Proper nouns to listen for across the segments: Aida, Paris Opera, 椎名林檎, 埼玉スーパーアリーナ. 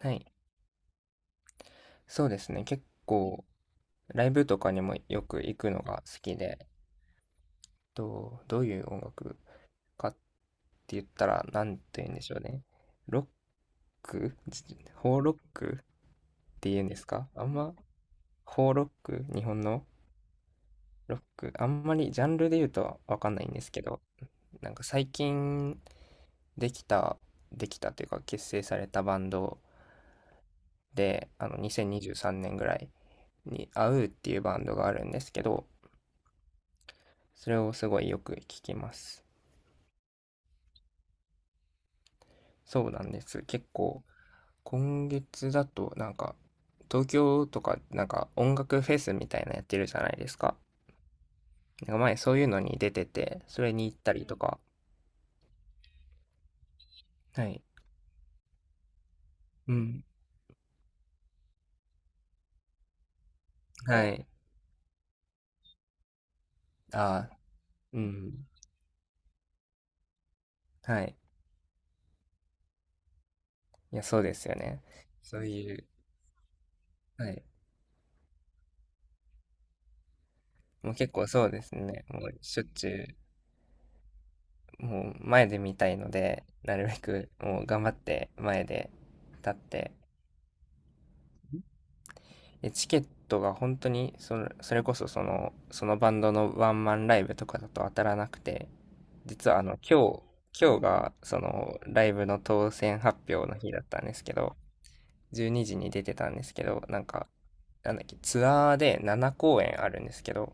はい、そうですね。結構ライブとかにもよく行くのが好きで、どういう音楽かって言ったらなんて言うんでしょうね。ロックじ邦ロックって言うんですか、あんま邦ロック日本のロックあんまりジャンルで言うとわかんないんですけど、なんか最近できた、できたというか結成されたバンドで、2023年ぐらいに a うっていうバンドがあるんですけど、それをすごいよく聞きます。そうなんです。結構、今月だと、なんか、東京とか、なんか音楽フェスみたいなやってるじゃないですか。なんか前そういうのに出てて、それに行ったりとか。はい。うん。はい。ああ、うん。はい。いや、そうですよね。そういう、はい。もう結構そうですね。もうしょっちゅう、もう前で見たいので、なるべくもう頑張って前で立って、でチケットが本当にそれこそそのバンドのワンマンライブとかだと当たらなくて、実は今日がそのライブの当選発表の日だったんですけど、12時に出てたんですけど、なんかなんだっけ、ツアーで7公演あるんですけど、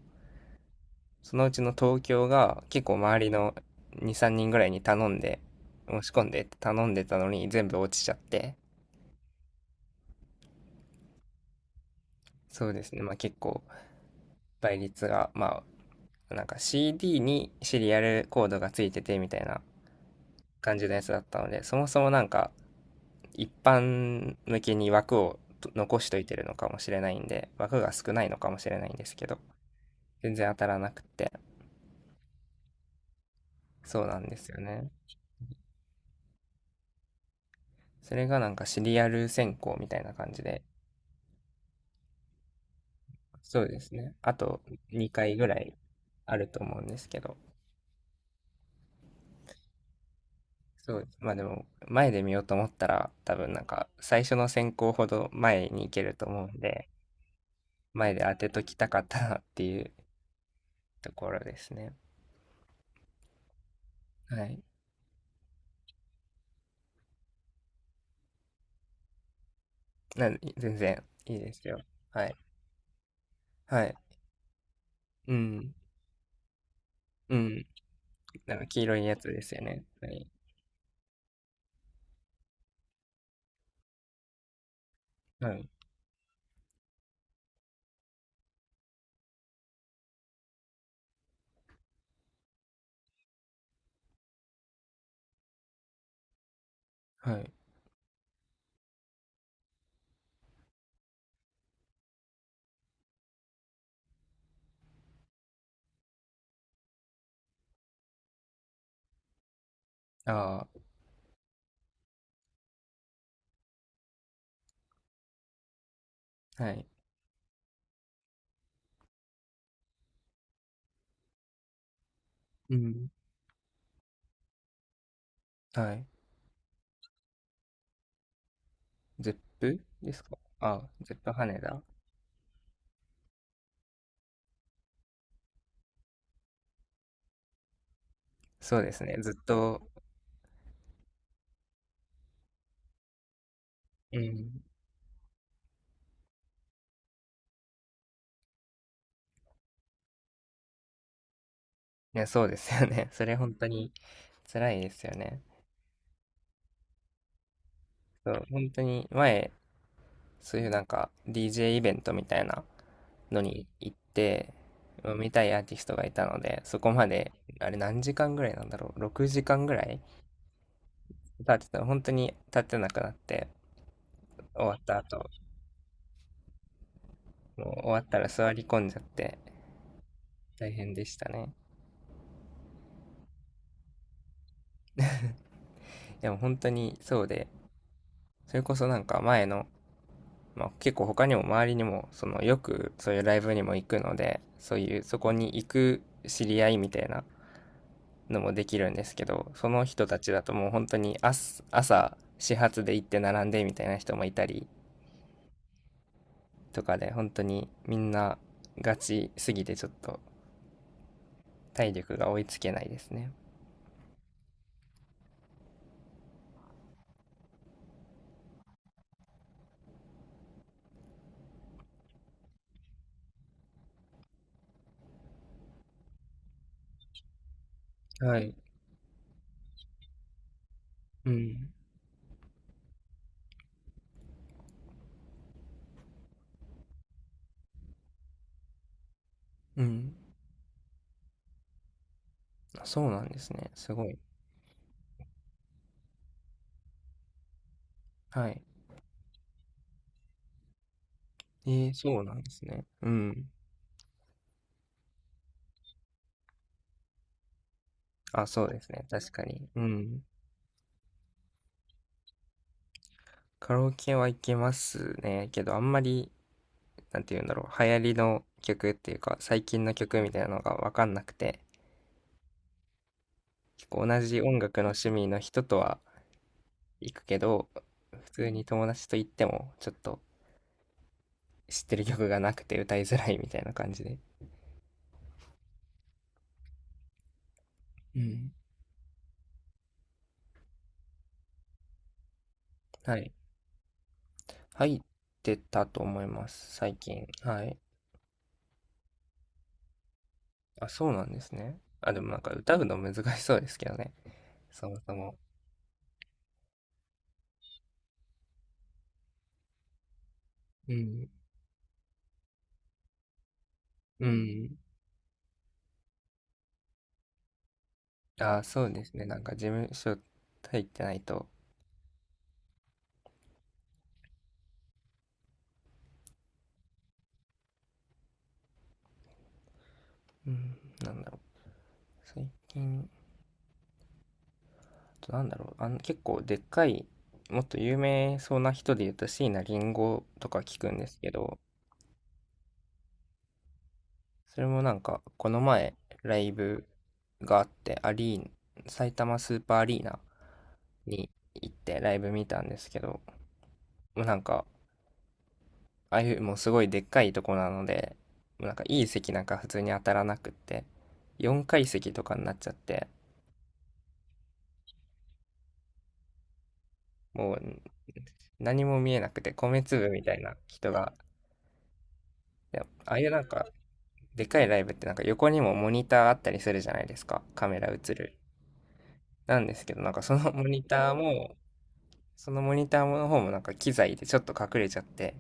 そのうちの東京が結構周りの23人ぐらいに頼んで申し込んでって頼んでたのに全部落ちちゃって。そうですね、まあ結構倍率がまあ、なんか CD にシリアルコードがついててみたいな感じのやつだったので、そもそもなんか一般向けに枠を残しといてるのかもしれないんで、枠が少ないのかもしれないんですけど、全然当たらなくて、そうなんですよね。それがなんかシリアル選考みたいな感じで、そうですね。あと2回ぐらいあると思うんですけど、そう、まあでも前で見ようと思ったら多分なんか最初の選考ほど前に行けると思うんで、前で当てときたかったなっていうところですね。はい。全然いいですよ。はい。はい。うん。うん。なんか黄色いやつですよね。はい。はい。はい。ああ、はい。うん。はい。ゼップですかあ？ゼップ羽田。そうですね。ずっと、うん。いや、そうですよね。それ本当に辛いですよね。そう、本当に前、そういうなんか DJ イベントみたいなのに行って、見たいアーティストがいたので、そこまで、あれ何時間ぐらいなんだろう、6時間ぐらい経ってた、本当に立ってなくなって、終わった後、もう終わったら座り込んじゃって、大変でしたね。でも本当にそうで、それこそなんか前の、まあ、結構他にも周りにも、そのよくそういうライブにも行くので、そういう、そこに行く知り合いみたいなのもできるんですけど、その人たちだともう本当に朝始発で行って並んでみたいな人もいたりとかで、本当にみんなガチすぎてちょっと体力が追いつけないですね。はい。うん。うん。あ、そうなんですね。すごい。はい。そうなんですね。うん。あ、そうですね。確かに。うん。カラオケは行けますね。けど、あんまり、なんて言うんだろう。流行りの曲っていうか、最近の曲みたいなのがわかんなくて、こう同じ音楽の趣味の人とは行くけど、普通に友達と行っても、ちょっと知ってる曲がなくて歌いづらいみたいな感じで。うん。はい。入ってたと思います、最近。はい。あ、そうなんですね。あ、でもなんか歌うの難しそうですけどね、そもそも。うん。うん。あ、そうですね。なんか事務所入ってないと、うん、なんだろう。最近、なんだろう、結構でっかい、もっと有名そうな人で言うと椎名林檎とか聞くんですけど、それもなんか、この前、ライブがあって、アリーナ、埼玉スーパーアリーナに行ってライブ見たんですけど、もうなんか、ああいうもうすごいでっかいとこなので、もうなんかいい席なんか普通に当たらなくって、4階席とかになっちゃって、もう何も見えなくて米粒みたいな人が、いやああいうなんかでかいライブってなんか横にもモニターあったりするじゃないですか。カメラ映る。なんですけど、なんかその モニターも、そのモニターの方もなんか機材でちょっと隠れちゃって、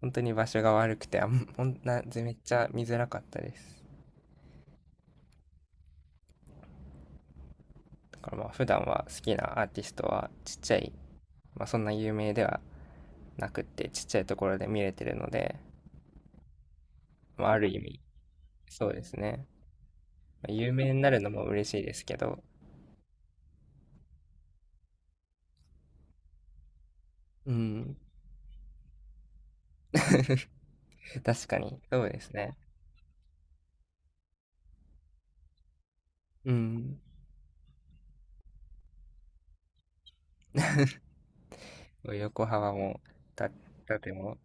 本当に場所が悪くて、あん、ほんな、めっちゃ見づらかったです。だからまあ普段は好きなアーティストはちっちゃい、まあそんな有名ではなくってちっちゃいところで見れてるので、まあある意味、そうですね。まあ、有名になるのも嬉しいですけど、うん。確かに、そうですね。うん。横幅も、た、縦も、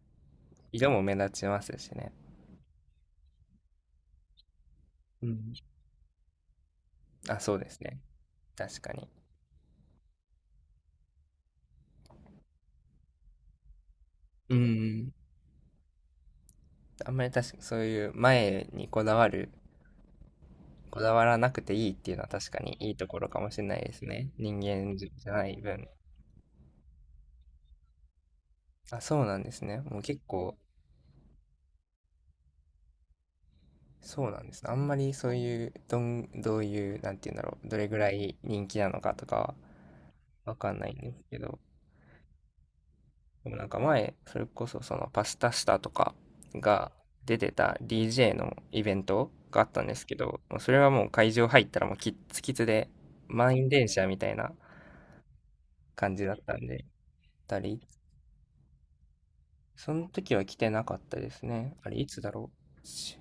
色も目立ちますしね。うん。あ、そうですね。確かに。うん。あんまり確か、そういう前にこだわらなくていいっていうのは確かにいいところかもしれないですね。人間じゃない分。あ、そうなんですね。もう結構、そうなんですね。あんまりそういう、どういう、なんて言うんだろう、どれぐらい人気なのかとかはわかんないんですけど、でもなんか前、それこそそのパスタスタとかが出てた DJ のイベントがあったんですけど、もうそれはもう会場入ったらもうキッツキツで満員電車みたいな感じだったんで、たり、その時は来てなかったですね。あれいつだろうし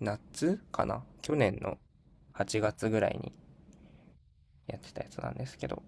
夏かな去年の8月ぐらいにやってたやつなんですけど、